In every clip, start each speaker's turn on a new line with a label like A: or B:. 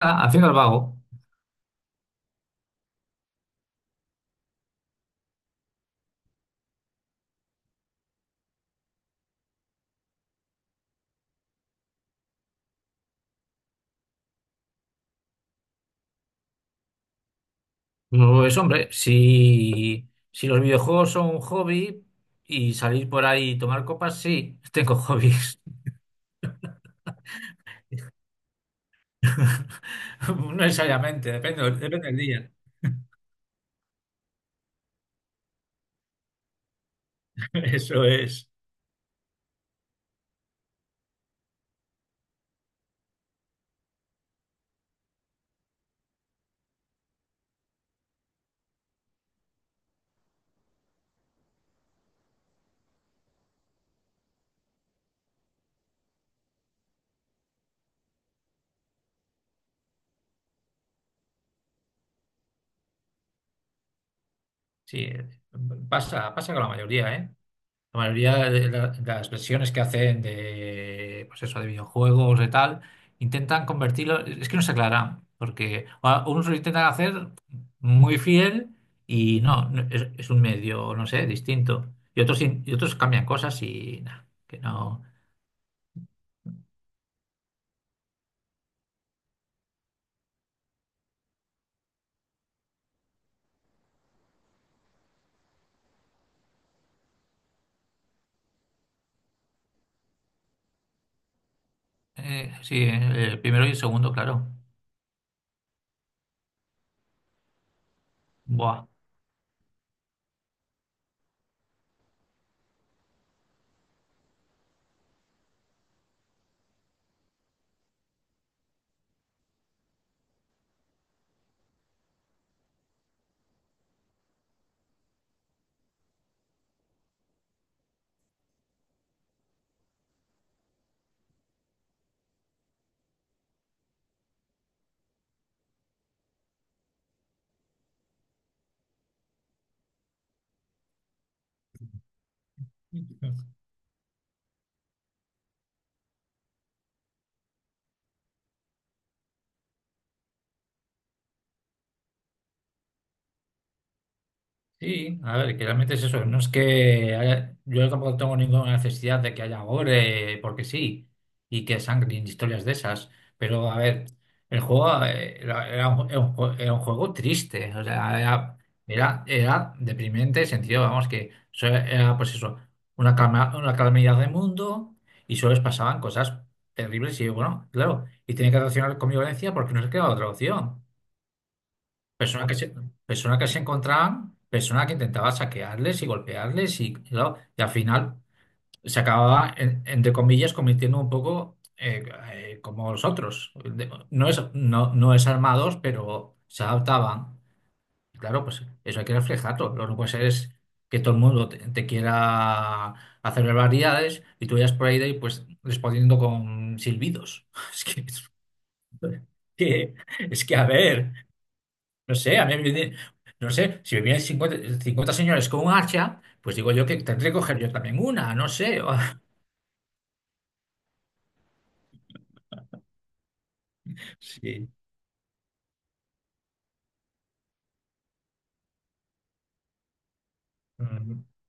A: Ah, haciendo el vago. No es hombre, si los videojuegos son un hobby y salir por ahí y tomar copas, sí, tengo hobbies. No necesariamente, depende, depende del día. Eso es. Sí, pasa, pasa con la mayoría, ¿eh? La mayoría de las versiones que hacen de, pues eso, de videojuegos, de tal, intentan convertirlo, es que no se aclaran, porque unos lo intentan hacer muy fiel y es, un medio, no sé, distinto. Y otros, y otros cambian cosas y nada, que no. Eh, sí, eh, el primero y el segundo, claro. Buah. Sí, a ver, que realmente es eso. No es que yo tampoco tengo ninguna necesidad de que haya gore, porque sí, y que sangre y historias de esas. Pero a ver, el juego era un juego triste. O sea, era deprimente, en sentido, vamos, que era pues eso, una calamidad de mundo y solo les pasaban cosas terribles. Y bueno, claro, y tenía que relacionar con violencia porque no se quedaba otra opción. Personas que se, personas que se encontraban, personas que intentaban saquearles y golpearles y, claro, y al final se acababa, entre comillas, convirtiendo un poco como los otros. No es, no es armados, pero se adaptaban. Claro, pues eso hay que reflejarlo. Lo que no puede ser es que todo el mundo te quiera hacer barbaridades y tú vayas por ahí de ahí, pues respondiendo con silbidos. Es que, es que, es que, a ver. No sé, a mí me viene- no sé, si me vienen 50 señores con un hacha, pues digo yo que tendré que coger yo también una, no sé. Sí. Mm,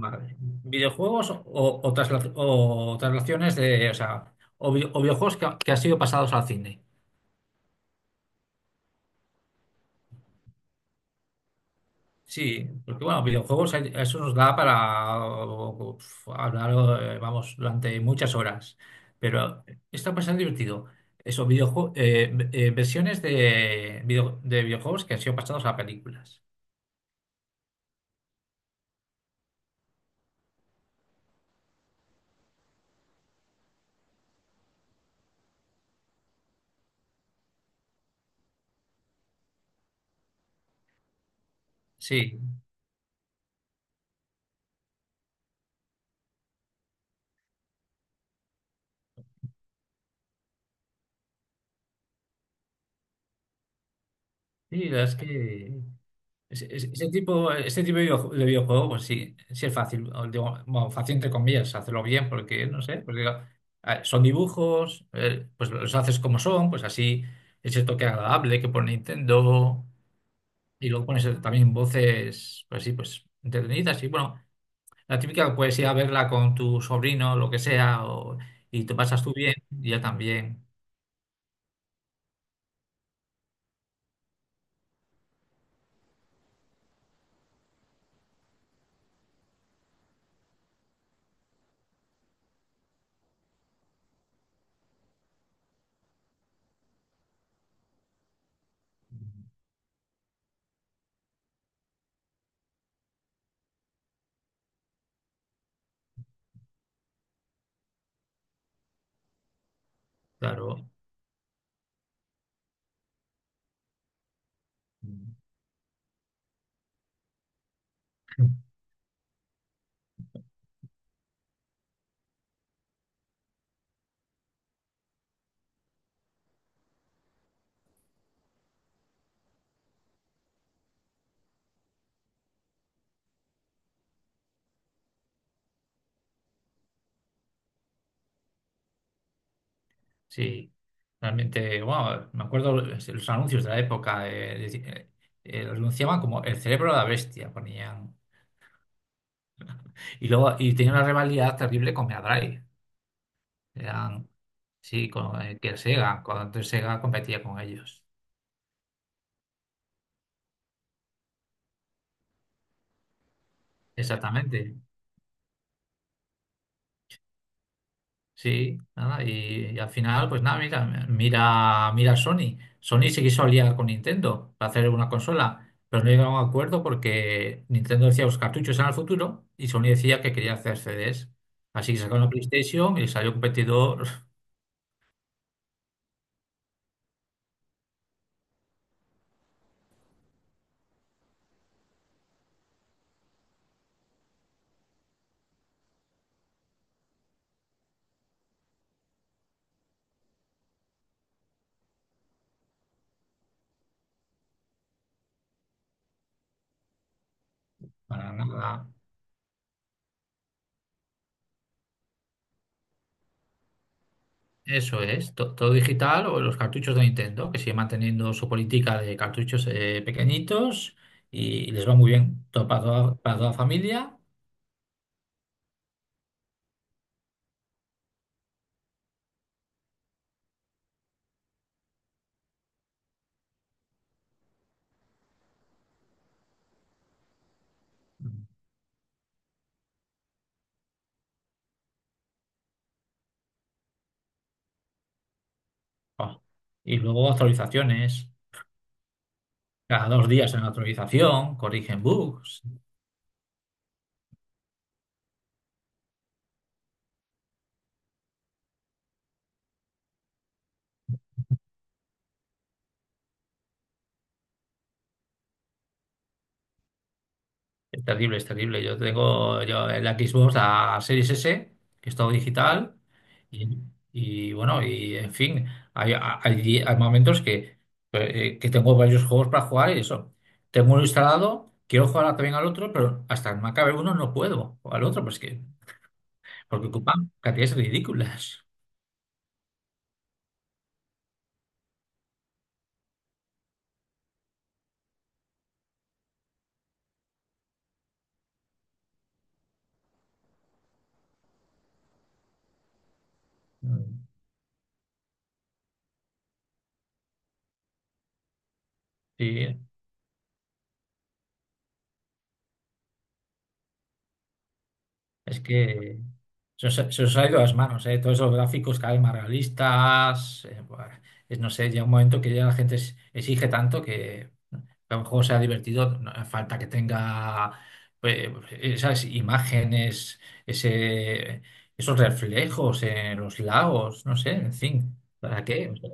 A: vale. Videojuegos o traslaciones de, o sea, o videojuegos que, que han sido pasados al cine. Sí, porque bueno, videojuegos, eso nos da para uf, hablar, vamos, durante muchas horas. Pero está bastante divertido. Eso, versiones de, de videojuegos que han sido pasados a películas. Sí, sí, la verdad es que ese tipo, ese tipo de de videojuego, pues sí, sí es fácil. O digo, bueno, fácil entre comillas, hacerlo bien, porque no sé, pues digo, ah, son dibujos, pues los haces como son, pues así ese toque agradable que pone Nintendo, y luego pones también voces, pues sí, pues entretenidas. Y bueno, la típica puedes ir a verla con tu sobrino, lo que sea, y te pasas tú bien, y ya también, claro. Sí, realmente, wow, me acuerdo los anuncios de la época, los anunciaban como el cerebro de la bestia, ponían. Y luego, tenía una rivalidad terrible con Mega Drive. Eran, sí, con que Sega, cuando antes Sega competía con ellos. Exactamente. Sí, nada, y al final, pues nada, mira, mira, mira Sony. Sony se quiso aliar con Nintendo para hacer una consola, pero no llegaron a un acuerdo porque Nintendo decía los cartuchos eran el futuro y Sony decía que quería hacer CDs. Así que sacaron la PlayStation y salió competidor. Para nada. Eso es, todo digital o los cartuchos de Nintendo, que sigue manteniendo su política de cartuchos pequeñitos y, les va muy bien, todo para toda la familia. Ah. Y luego actualizaciones. Cada 2 días en actualización, corrigen bugs. Es terrible, es terrible. Yo tengo yo el Xbox a Series S, que es todo digital. Y, bueno, y en fin, hay momentos que tengo varios juegos para jugar y eso. Tengo uno instalado, quiero jugar también al otro, pero hasta que me acabe uno no puedo. O al otro, pues que, porque ocupan cantidades ridículas. Mm, sí. Es que se os ha ido las manos, ¿eh? Todos esos gráficos cada vez más realistas. Buah, es, no sé, llega un momento que ya la gente exige tanto que a lo mejor sea divertido, no hace falta que tenga, pues, esas imágenes, ese, esos reflejos en los lagos, no sé, en fin, ¿para qué? O sea,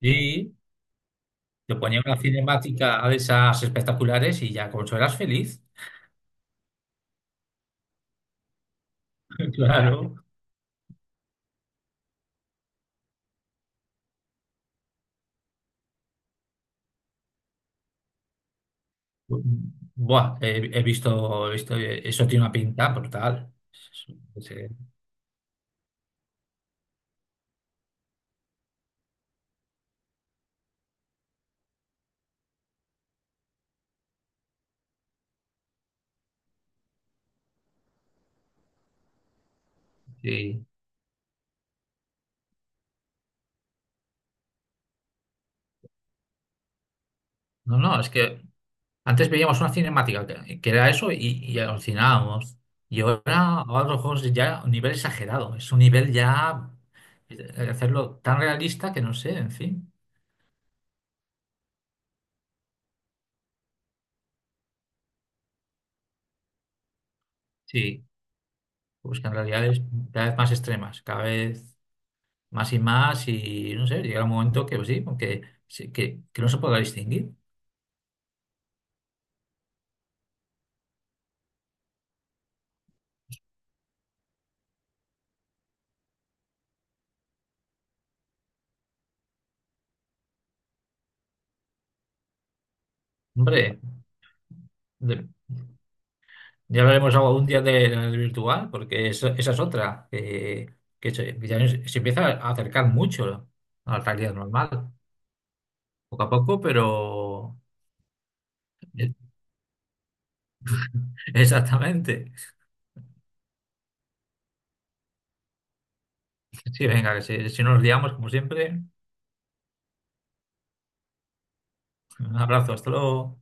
A: y te ponía una cinemática de esas espectaculares y ya con eso eras feliz. Claro. Buah, he visto, eso tiene una pinta brutal. Sí, sí. No, no, es que antes veíamos una cinemática que era eso y alucinábamos. Y ahora los juegos ya a un nivel exagerado, es un nivel ya hacerlo tan realista que no sé, en fin. Sí, pues que en realidad es cada vez más extremas, cada vez más y más y no sé, llega un momento que pues sí, que, sí, que no se pueda distinguir. Hombre. de- Ya hablaremos algún día de la realidad virtual, porque esa es otra, que se, que ya se empieza a acercar mucho a la realidad normal, poco a poco, pero. Exactamente. Sí, venga, que si no nos liamos, como siempre, un abrazo, hasta luego.